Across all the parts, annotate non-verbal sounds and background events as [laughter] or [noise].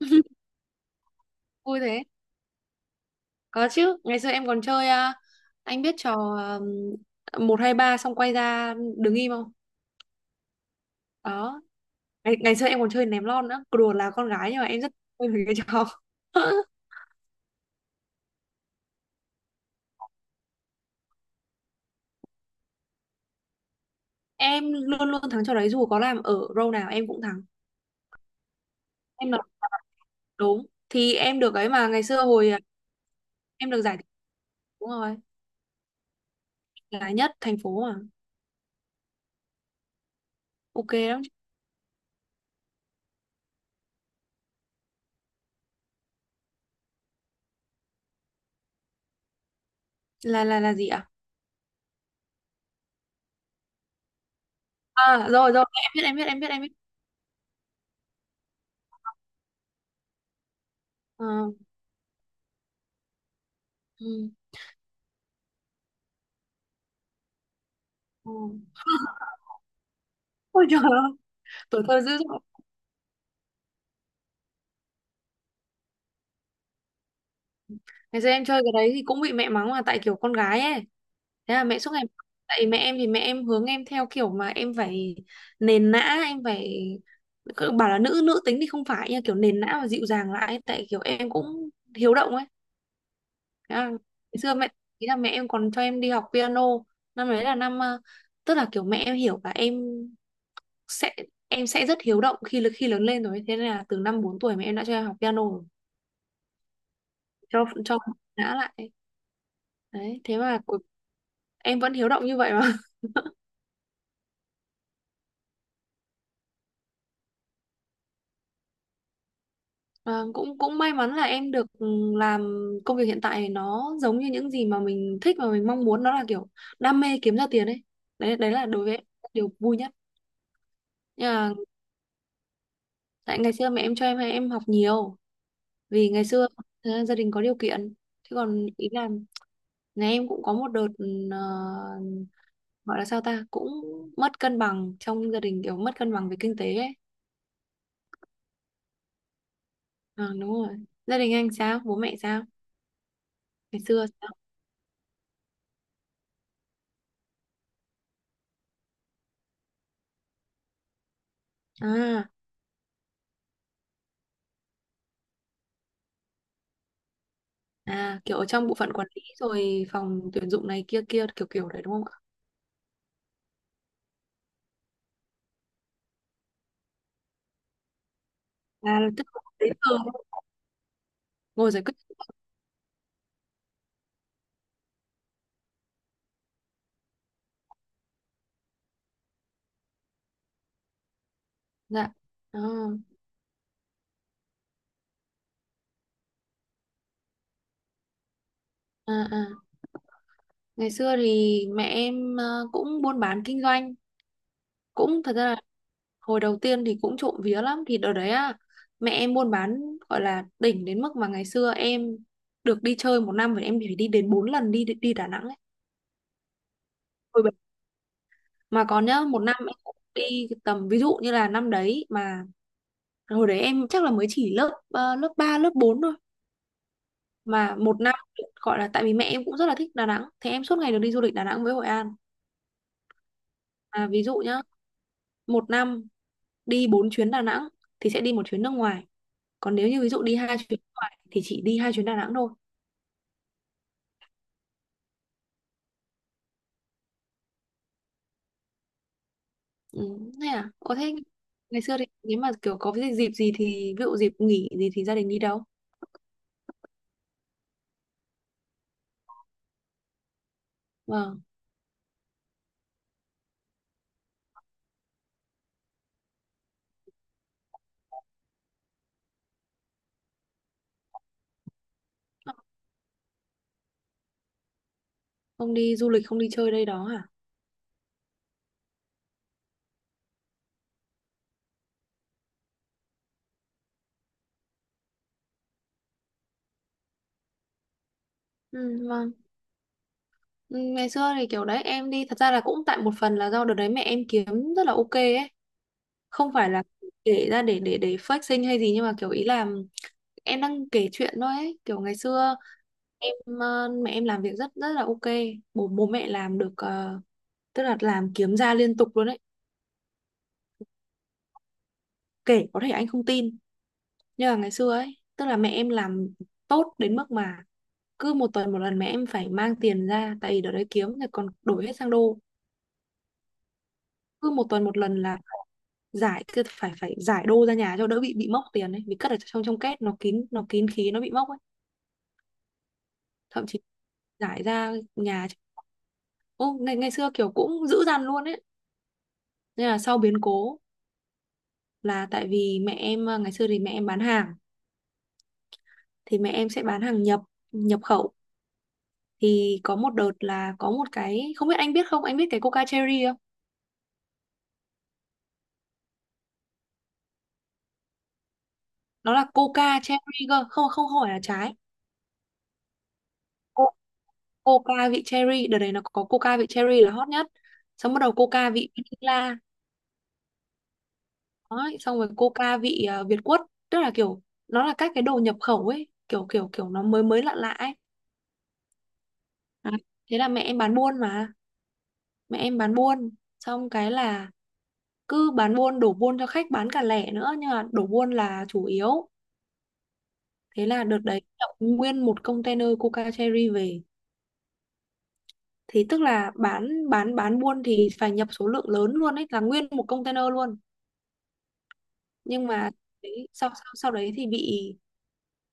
[laughs] Vui thế. Có chứ, ngày xưa em còn chơi à, anh biết trò 1 2 3 xong quay ra đứng im không? Đó. Ngày xưa em còn chơi ném lon nữa. Cứ đùa là con gái nhưng mà em rất vui với cái trò. [laughs] Em luôn luôn thắng trò đấy, dù có làm ở row nào em cũng thắng. Em là đúng. Thì em được ấy, mà ngày xưa hồi em được giải, đúng rồi, là nhất thành phố mà. Ok lắm. Là gì ạ? À, rồi rồi, em biết em biết em biết em biết. Ờ, ừ, ừ. Ôi trời ơi, tuổi thơ dữ dội. Ngày xưa em chơi cái đấy thì cũng bị mẹ mắng, là tại kiểu con gái ấy, thế là mẹ suốt ngày mắng. Tại mẹ em thì mẹ em hướng em theo kiểu mà em phải nền nã, em phải, cứ bảo là nữ nữ tính thì không phải nha, kiểu nền nã và dịu dàng lại ấy. Tại kiểu em cũng hiếu động ấy, thế là, ngày xưa mẹ, ý là mẹ em còn cho em đi học piano. Năm đấy là năm tức là kiểu mẹ em hiểu là em sẽ, em sẽ rất hiếu động khi khi lớn lên rồi, thế nên là từ năm 4 tuổi mẹ em đã cho em học piano rồi, cho nã lại ấy. Đấy, thế mà cuối em vẫn hiếu động như vậy mà. [laughs] Ờ, cũng cũng may mắn là em được ừ, làm công việc hiện tại nó giống như những gì mà mình thích và mình mong muốn, nó là kiểu đam mê kiếm ra tiền ấy, đấy đấy là đối với em điều vui nhất. Nhưng mà tại ngày xưa mẹ em cho em hay em học nhiều, vì ngày xưa gia đình có điều kiện, chứ còn ý là nhà em cũng có một đợt ừ, ờ, gọi là sao ta, cũng mất cân bằng trong gia đình, kiểu mất cân bằng về kinh tế ấy. Ờ, đúng rồi, gia đình anh sao, bố mẹ sao, ngày xưa sao? À, à, kiểu ở trong bộ phận quản lý rồi phòng tuyển dụng này kia kia kiểu kiểu đấy đúng không? À, là tức là giấy tờ ngồi giải quyết. Dạ. À, à, à. Ngày xưa thì mẹ em cũng buôn bán kinh doanh, cũng thật ra là hồi đầu tiên thì cũng trộm vía lắm, thì đợt đấy mẹ em buôn bán, gọi là đỉnh đến mức mà ngày xưa em được đi chơi một năm phải, em phải đi đến 4 lần đi, đi Đà Nẵng ấy. Ôi, mà còn nhá, một năm em cũng đi tầm ví dụ như là năm đấy mà, hồi đấy em chắc là mới chỉ lớp lớp 3 lớp 4 thôi, mà một năm, gọi là tại vì mẹ em cũng rất là thích Đà Nẵng, thế em suốt ngày được đi du lịch Đà Nẵng với Hội An. À, ví dụ nhá, một năm đi 4 chuyến Đà Nẵng thì sẽ đi một chuyến nước ngoài, còn nếu như ví dụ đi 2 chuyến nước ngoài thì chỉ đi 2 chuyến Đà Nẵng thôi. Ừ, thế à. Ồ, thế ngày xưa thì nếu mà kiểu có cái dịp gì, thì ví dụ dịp nghỉ gì thì gia đình đi đâu? Vâng. Không đi du lịch không đi chơi đây đó hả? Ừ, vâng. Ừ, ngày xưa thì kiểu đấy em đi, thật ra là cũng tại một phần là do đợt đấy mẹ em kiếm rất là ok ấy, không phải là kể ra để fake sinh hay gì, nhưng mà kiểu ý là em đang kể chuyện thôi ấy, kiểu ngày xưa em mẹ em làm việc rất rất là ok. Bố bố mẹ làm được ờ, tức là làm kiếm ra liên tục luôn ấy. Kể có thể anh không tin, nhưng mà ngày xưa ấy, tức là mẹ em làm tốt đến mức mà cứ một tuần một lần mẹ em phải mang tiền ra, tại vì đợt đấy kiếm thì còn đổi hết sang đô, cứ một tuần một lần là giải, cứ phải phải giải đô ra nhà cho đỡ bị mốc tiền ấy, vì cất ở trong trong két nó kín, nó kín khí nó bị mốc ấy, thậm chí giải ra nhà. Ô, ngày ngày xưa kiểu cũng dữ dằn luôn ấy, nên là sau biến cố, là tại vì mẹ em ngày xưa thì mẹ em bán hàng, thì mẹ em sẽ bán hàng nhập, nhập khẩu. Thì có một đợt là có một cái, không biết anh biết không, anh biết cái Coca Cherry không? Nó là Coca Cherry cơ, không không không phải là trái. Co- Coca vị Cherry, đợt đấy nó có Coca vị Cherry là hot nhất, xong bắt đầu Coca vị Vanilla. Đấy, xong rồi Coca vị Việt Quất, tức là kiểu nó là các cái đồ nhập khẩu ấy, kiểu kiểu kiểu nó mới mới lạ lạ ấy. À, thế là mẹ em bán buôn mà, mẹ em bán buôn, xong cái là cứ bán buôn đổ buôn cho khách, bán cả lẻ nữa nhưng mà đổ buôn là chủ yếu. Thế là đợt đấy nhập nguyên một container Coca Cherry về, thì tức là bán bán buôn thì phải nhập số lượng lớn luôn ấy, là nguyên một container luôn. Nhưng mà đấy, sau sau sau đấy thì bị,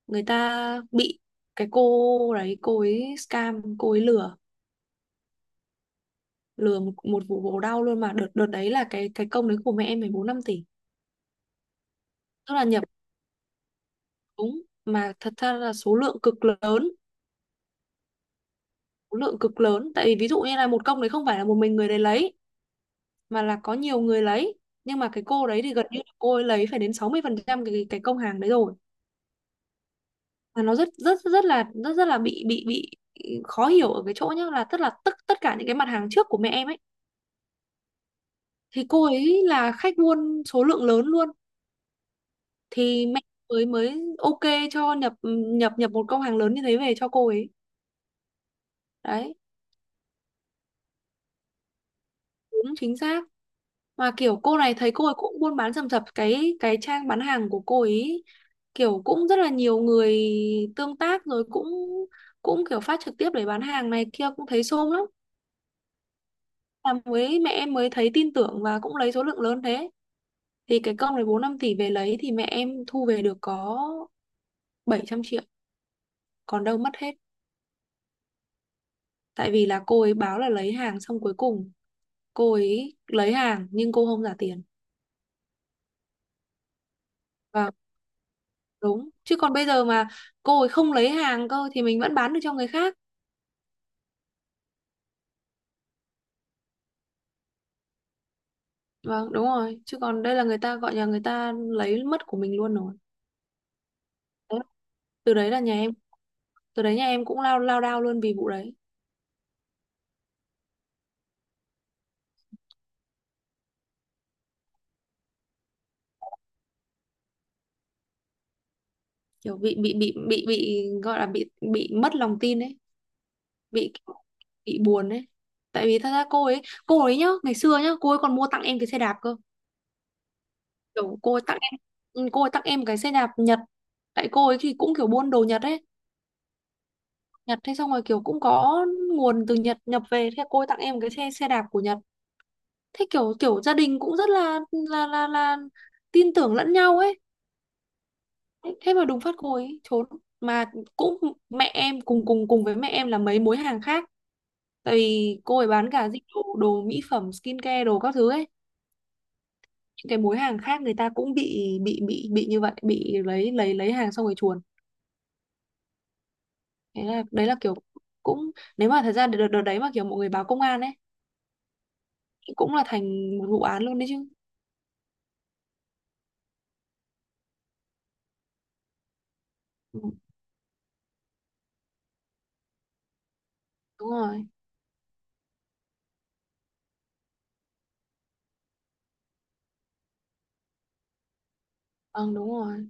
người ta bị, cái cô đấy cô ấy scam, cô ấy lừa, lừa một, một vụ bổ đau luôn, mà đợt đợt đấy là cái công đấy của mẹ em 14-15 tỷ, tức là nhập. Đúng, mà thật ra là số lượng cực lớn, số lượng cực lớn, tại vì ví dụ như là một công đấy không phải là một mình người đấy lấy, mà là có nhiều người lấy, nhưng mà cái cô đấy thì gần như là cô ấy lấy phải đến 60% cái công hàng đấy rồi. Mà nó rất rất rất là, rất rất là bị bị khó hiểu ở cái chỗ nhá, là tức là tất tất cả những cái mặt hàng trước của mẹ em ấy thì cô ấy là khách buôn số lượng lớn luôn, thì mẹ mới mới ok cho nhập, nhập một công hàng lớn như thế về cho cô ấy. Đấy, đúng chính xác. Mà kiểu cô này, thấy cô ấy cũng buôn bán rầm rập, cái trang bán hàng của cô ấy kiểu cũng rất là nhiều người tương tác, rồi cũng cũng kiểu phát trực tiếp để bán hàng này kia, cũng thấy xôm lắm, là mới mẹ em mới thấy tin tưởng và cũng lấy số lượng lớn thế, thì cái công này 4-5 tỷ về lấy thì mẹ em thu về được có 700 triệu, còn đâu mất hết, tại vì là cô ấy báo là lấy hàng, xong cuối cùng cô ấy lấy hàng nhưng cô không trả tiền, và đúng, chứ còn bây giờ mà cô ấy không lấy hàng cơ thì mình vẫn bán được cho người khác. Vâng, đúng rồi. Chứ còn đây là người ta gọi nhà, người ta lấy mất của mình luôn rồi. Đấy. Từ đấy là nhà em, từ đấy nhà em cũng lao, lao đao luôn vì vụ đấy. Kiểu bị bị gọi là bị mất lòng tin ấy, bị bị buồn ấy. Tại vì thật ra cô ấy nhá, ngày xưa nhá, cô ấy còn mua tặng em cái xe đạp cơ. Kiểu cô ấy tặng em, ừ, cô ấy tặng em cái xe đạp Nhật. Tại cô ấy thì cũng kiểu buôn đồ Nhật ấy. Nhật, thế xong rồi kiểu cũng có nguồn từ Nhật nhập về, thế cô ấy tặng em cái xe xe đạp của Nhật, thế kiểu kiểu gia đình cũng rất là là tin tưởng lẫn nhau ấy. Thế thế mà đùng phát cô ấy trốn, mà cũng mẹ em cùng cùng cùng với mẹ em là mấy mối hàng khác, tại vì cô ấy bán cả dịch vụ đồ mỹ phẩm skincare đồ các thứ ấy, những cái mối hàng khác người ta cũng bị bị như vậy, bị lấy lấy hàng xong rồi chuồn. Thế là đấy là kiểu, cũng nếu mà thật ra đợt, đợt đấy mà kiểu mọi người báo công an ấy cũng là thành một vụ án luôn đấy chứ. Ừ, đúng rồi. Vâng, đúng rồi.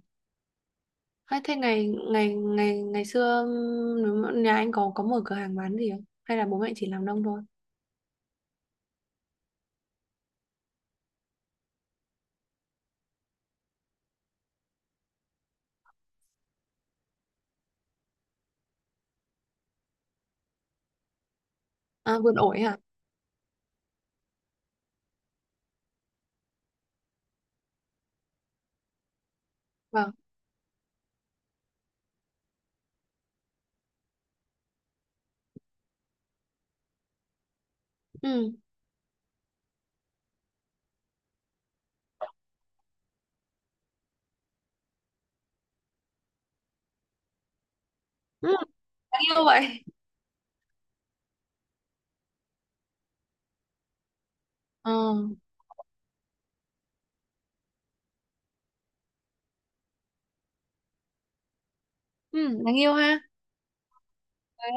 Hay thế, ngày ngày ngày ngày xưa nếu mà nhà anh có mở cửa hàng bán gì không? Hay là bố mẹ chỉ làm nông thôi? À, vườn ổi hả? Vâng. Ừ. Ừ, đáng yêu vậy. Ờ. Ừ, đáng yêu ha. Đấy.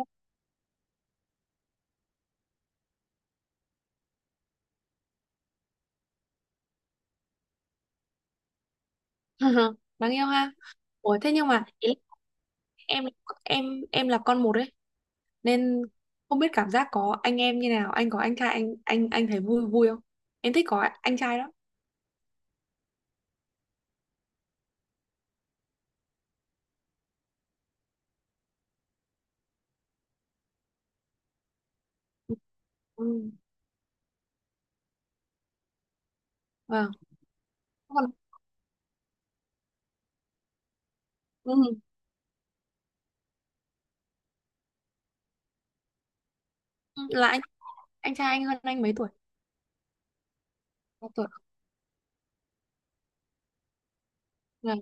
[laughs] Đáng yêu ha. Ủa thế nhưng mà ý là em em em là con một ấy, nên không biết cảm giác có anh em như nào. Anh có anh trai, anh thấy vui vui không? Em thích có anh trai đó. Ừ. Vâng. Còn ừ. Là anh trai anh hơn anh mấy tuổi? Bao tuổi? Vâng.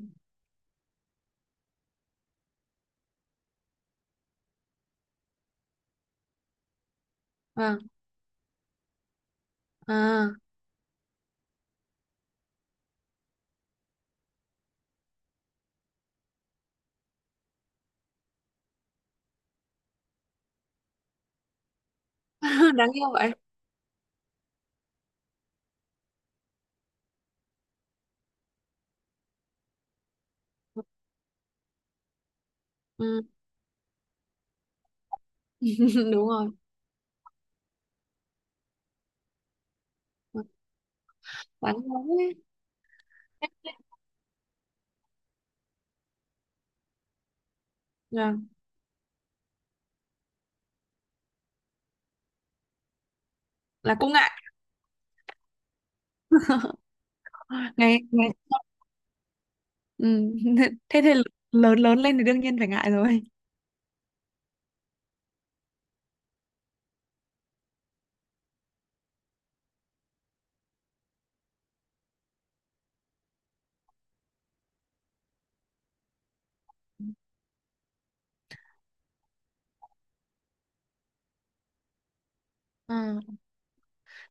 Vâng. À. [laughs] đáng yêu vậy. Ừ. [laughs] đúng rồi. Đáng yêu ấy. Là, là cũng ngại. [laughs] ngày ngày ừ. [laughs] Thế thì lớn lớn lên thì đương nhiên phải ngại rồi. Ừ.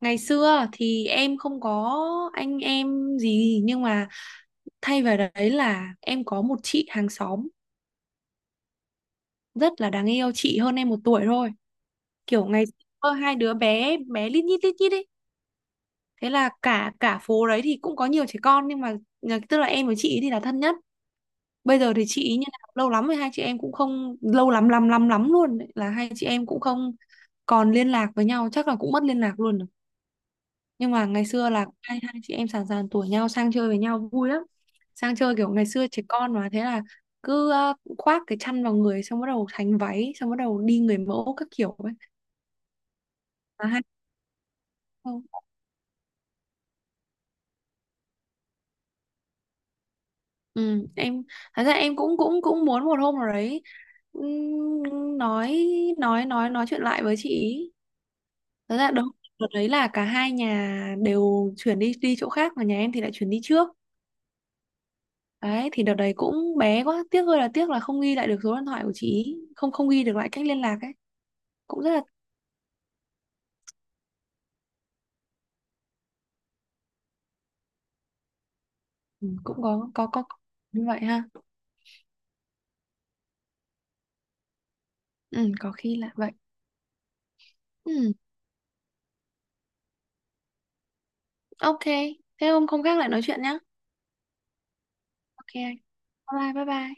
Ngày xưa thì em không có anh em gì, nhưng mà thay vào đấy là em có một chị hàng xóm rất là đáng yêu, chị hơn em 1 tuổi thôi. Kiểu ngày xưa hai đứa bé bé lít nhít ấy, thế là cả cả phố đấy thì cũng có nhiều trẻ con, nhưng mà tức là em với chị ấy thì là thân nhất. Bây giờ thì chị ý như nào, lâu lắm rồi hai chị em cũng không, lâu lắm lắm lắm lắm luôn ấy, là hai chị em cũng không còn liên lạc với nhau, chắc là cũng mất liên lạc luôn rồi. Nhưng mà ngày xưa là hai hai chị em sàn sàn tuổi nhau, sang chơi với nhau vui lắm. Sang chơi kiểu ngày xưa trẻ con mà, thế là cứ khoác cái chăn vào người, xong bắt đầu thành váy, xong bắt đầu đi người mẫu các kiểu ấy, mà hai. Ừ, em thật ra em cũng cũng cũng muốn một hôm nào đấy nói, nói chuyện lại với chị ý. Thật ra đúng, đợt đấy là cả hai nhà đều chuyển đi, đi chỗ khác, mà nhà em thì lại chuyển đi trước. Đấy, thì đợt đấy cũng bé quá, tiếc ơi là tiếc là không ghi lại được số điện thoại của chị ý, không, không ghi được lại cách liên lạc ấy, cũng rất là. Ừ, cũng có như vậy ha. Ừ, có khi là vậy. Ừ, ok. Thế hôm không, khác lại nói chuyện nhá. Ok anh. Bye bye bye bye.